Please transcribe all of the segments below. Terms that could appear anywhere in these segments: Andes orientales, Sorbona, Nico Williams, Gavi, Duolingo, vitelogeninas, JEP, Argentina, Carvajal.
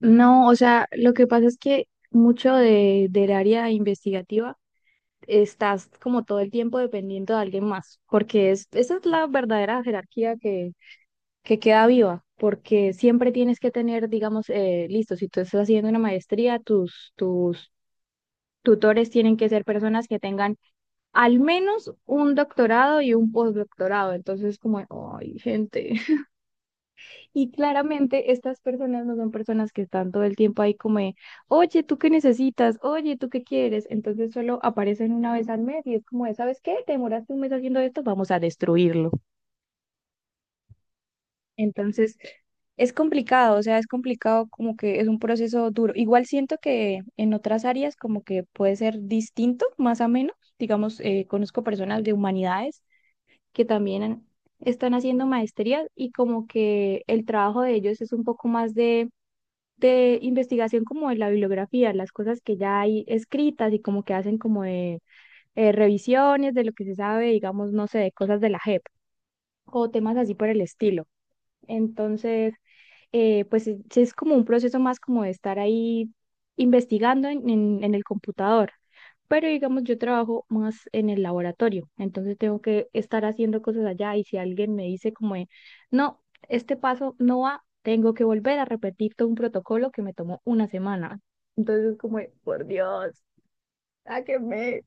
No, o sea, lo que pasa es que mucho del área investigativa estás como todo el tiempo dependiendo de alguien más, porque es, esa es la verdadera jerarquía que queda viva, porque siempre tienes que tener, digamos, listo, si tú estás haciendo una maestría, tus tutores tienen que ser personas que tengan al menos un doctorado y un postdoctorado, entonces como, ay, gente. Y claramente estas personas no son personas que están todo el tiempo ahí como de, oye, ¿tú qué necesitas? Oye, ¿tú qué quieres? Entonces solo aparecen una vez al mes y es como de, ¿sabes qué? Te demoraste un mes haciendo esto, vamos a destruirlo. Entonces es complicado, o sea, es complicado como que es un proceso duro. Igual siento que en otras áreas como que puede ser distinto, más o menos. Digamos, conozco personas de humanidades que están haciendo maestrías y como que el trabajo de ellos es un poco más de investigación como de la bibliografía, las cosas que ya hay escritas y como que hacen como de revisiones de lo que se sabe, digamos, no sé, de cosas de la JEP o temas así por el estilo. Entonces, pues es como un proceso más como de estar ahí investigando en el computador. Pero digamos, yo trabajo más en el laboratorio, entonces tengo que estar haciendo cosas allá y si alguien me dice como, de, no, este paso no va, tengo que volver a repetir todo un protocolo que me tomó una semana. Entonces como, de, por Dios, sáquenme.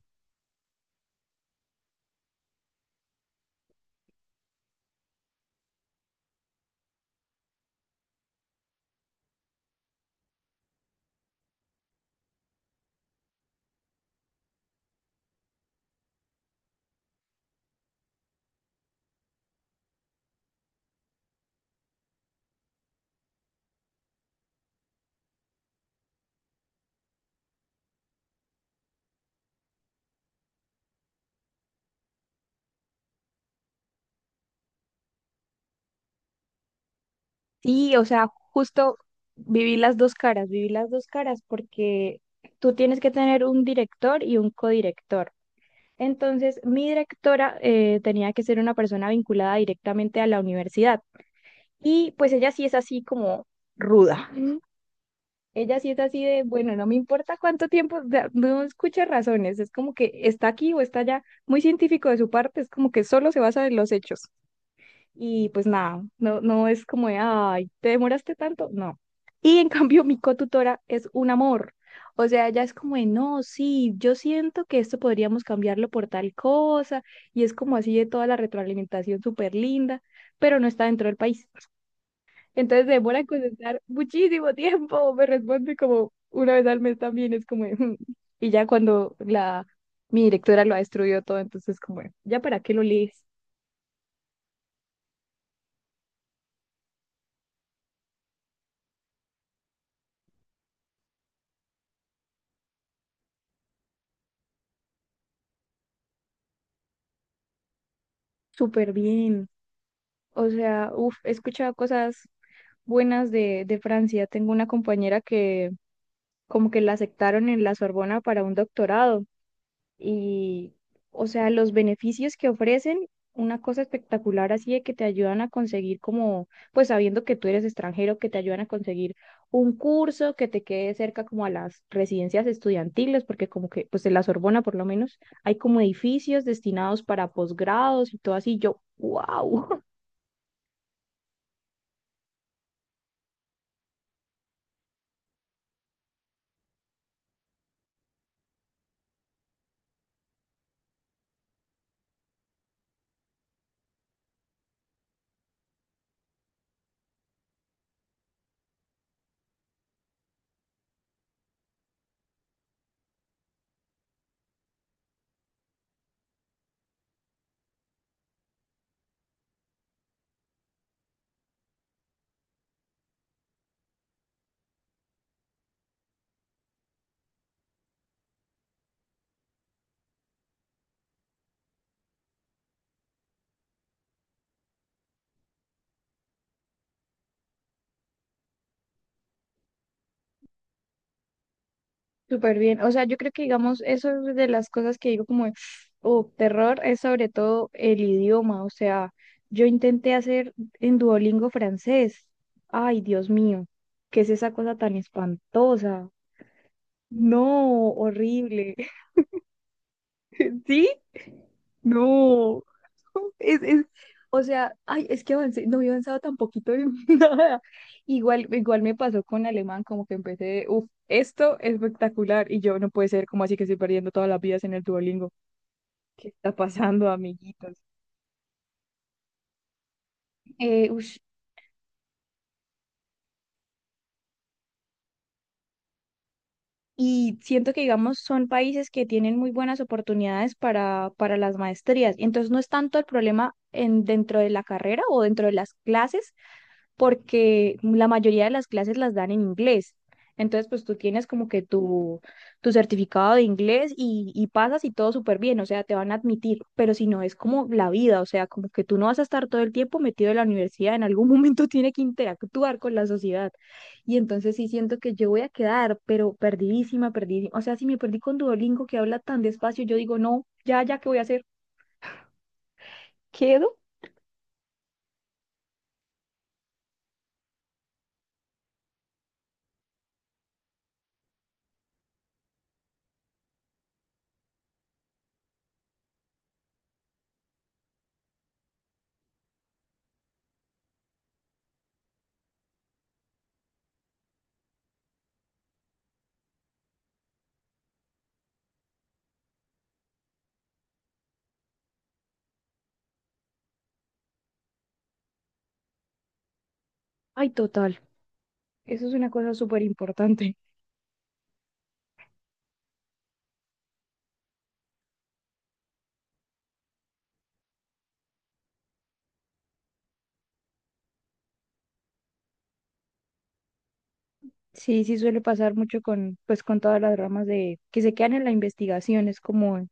Sí, o sea, justo viví las dos caras, viví las dos caras porque tú tienes que tener un director y un codirector. Entonces, mi directora tenía que ser una persona vinculada directamente a la universidad. Y pues ella sí es así como ruda. Ujú. Ella sí es así de, bueno, no me importa cuánto tiempo, o sea, no escucha razones, es como que está aquí o está allá, muy científico de su parte, es como que solo se basa en los hechos. Y pues nada, no, no es como de, ay, ¿te demoraste tanto? No. Y en cambio, mi cotutora es un amor. O sea, ella es como de, no, sí, yo siento que esto podríamos cambiarlo por tal cosa. Y es como así de toda la retroalimentación súper linda, pero no está dentro del país. Entonces demora en contestar muchísimo tiempo. Me responde como una vez al mes también. Es como de, "Mm". Y ya cuando mi directora lo ha destruido todo, entonces como, de, ¿ya para qué lo lees? Súper bien. O sea, uf, he escuchado cosas buenas de Francia. Tengo una compañera que como que la aceptaron en la Sorbona para un doctorado y, o sea, los beneficios que ofrecen, una cosa espectacular así de que te ayudan a conseguir como, pues sabiendo que tú eres extranjero, que te ayudan a conseguir un curso que te quede cerca como a las residencias estudiantiles, porque como que, pues en la Sorbona por lo menos hay como edificios destinados para posgrados y todo así. Yo, wow. Súper bien. O sea, yo creo que, digamos, eso es de las cosas que digo como, oh, terror es sobre todo el idioma. O sea, yo intenté hacer en Duolingo francés. Ay, Dios mío, ¿qué es esa cosa tan espantosa? No, horrible. ¿Sí? No. Es, es, o sea, ay, es que avancé, no había avanzado tan poquito en nada. Igual, igual me pasó con alemán, como que empecé, uff, esto es espectacular. Y yo no puede ser, como así que estoy perdiendo todas las vidas en el Duolingo? ¿Qué está pasando, amiguitos? Eh, ush, y siento que, digamos, son países que tienen muy buenas oportunidades para las maestrías. Entonces, no es tanto el problema en, dentro de la carrera o dentro de las clases, porque la mayoría de las clases las dan en inglés. Entonces, pues tú tienes como que tu certificado de inglés y pasas y todo súper bien, o sea, te van a admitir, pero si no, es como la vida, o sea, como que tú no vas a estar todo el tiempo metido en la universidad, en algún momento tiene que interactuar con la sociedad. Y entonces sí siento que yo voy a quedar, pero perdidísima, perdidísima, o sea, si me perdí con Duolingo que habla tan despacio, yo digo, no, ya, ya, ¿qué voy a hacer? ¿Quedo? Ay, total, eso es una cosa súper importante. Sí, sí suele pasar mucho con, pues, con todas las ramas de que se quedan en la investigación. Es como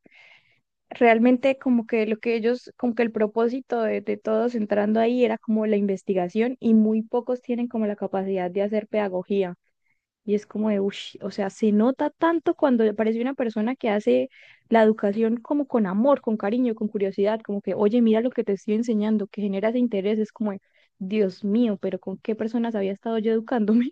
realmente como que lo que ellos, como que el propósito de todos entrando ahí era como la investigación y muy pocos tienen como la capacidad de hacer pedagogía. Y es como de, uff, o sea, se nota tanto cuando aparece una persona que hace la educación como con amor, con cariño, con curiosidad, como que, oye, mira lo que te estoy enseñando, que genera ese interés. Es como, de, Dios mío, pero ¿con qué personas había estado yo educándome?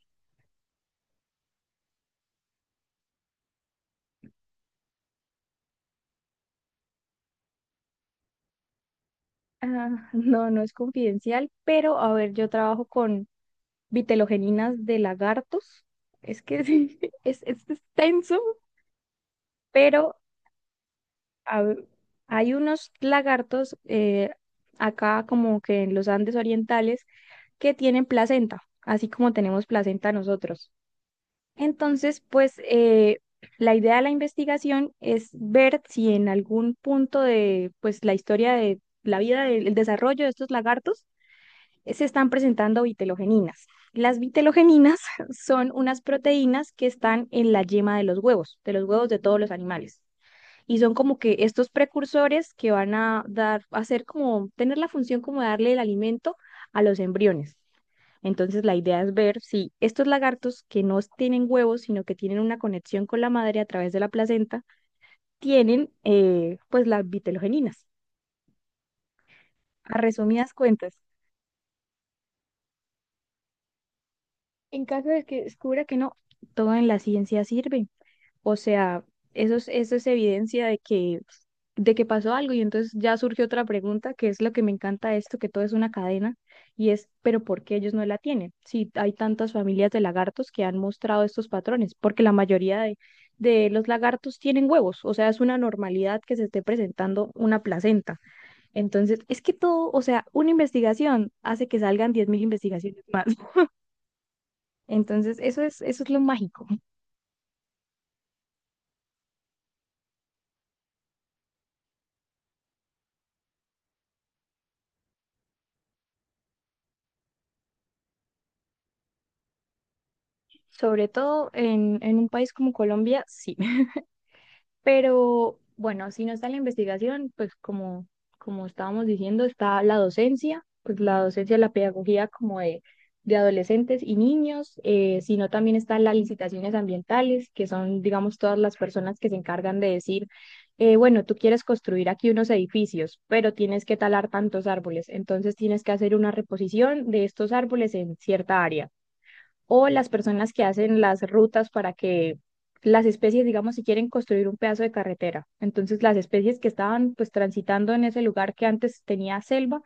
Ah, no, no es confidencial, pero a ver, yo trabajo con vitelogeninas de lagartos. Es que sí, es extenso, pero a ver, hay unos lagartos acá como que en los Andes orientales que tienen placenta, así como tenemos placenta nosotros. Entonces, pues la idea de la investigación es ver si en algún punto de pues la historia de la vida, del desarrollo de estos lagartos, se están presentando vitelogeninas. Las vitelogeninas son unas proteínas que están en la yema de los huevos, de los huevos de todos los animales. Y son como que estos precursores que van a dar, a hacer como, tener la función como de darle el alimento a los embriones. Entonces la idea es ver si estos lagartos que no tienen huevos, sino que tienen una conexión con la madre a través de la placenta, tienen pues las vitelogeninas. A resumidas cuentas, en caso de que descubra que no, todo en la ciencia sirve. O sea, eso es evidencia de que pasó algo y entonces ya surge otra pregunta, que es lo que me encanta de esto, que todo es una cadena, y es, pero ¿por qué ellos no la tienen? Si hay tantas familias de lagartos que han mostrado estos patrones, porque la mayoría de los lagartos tienen huevos, o sea, es una normalidad que se esté presentando una placenta. Entonces, es que todo, o sea, una investigación hace que salgan 10 mil investigaciones más. Entonces, eso es lo mágico, sobre todo en un país como Colombia, sí. Pero bueno, si no está la investigación, pues como, como estábamos diciendo, está la docencia, pues la docencia, la pedagogía como de adolescentes y niños, sino también están las licitaciones ambientales, que son, digamos, todas las personas que se encargan de decir, bueno, tú quieres construir aquí unos edificios, pero tienes que talar tantos árboles, entonces tienes que hacer una reposición de estos árboles en cierta área. O las personas que hacen las rutas para que las especies, digamos, si quieren construir un pedazo de carretera. Entonces, las especies que estaban pues transitando en ese lugar que antes tenía selva,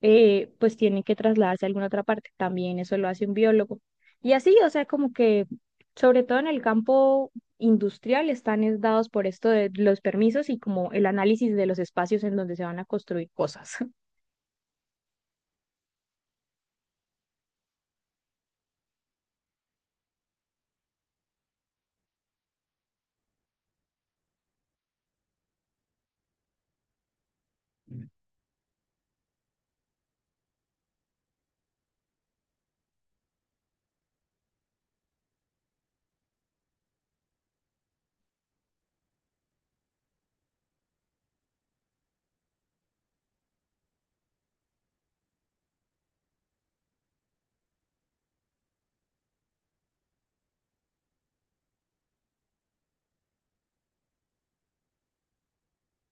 pues tienen que trasladarse a alguna otra parte. También eso lo hace un biólogo. Y así, o sea, como que sobre todo en el campo industrial están es dados por esto de los permisos y como el análisis de los espacios en donde se van a construir cosas.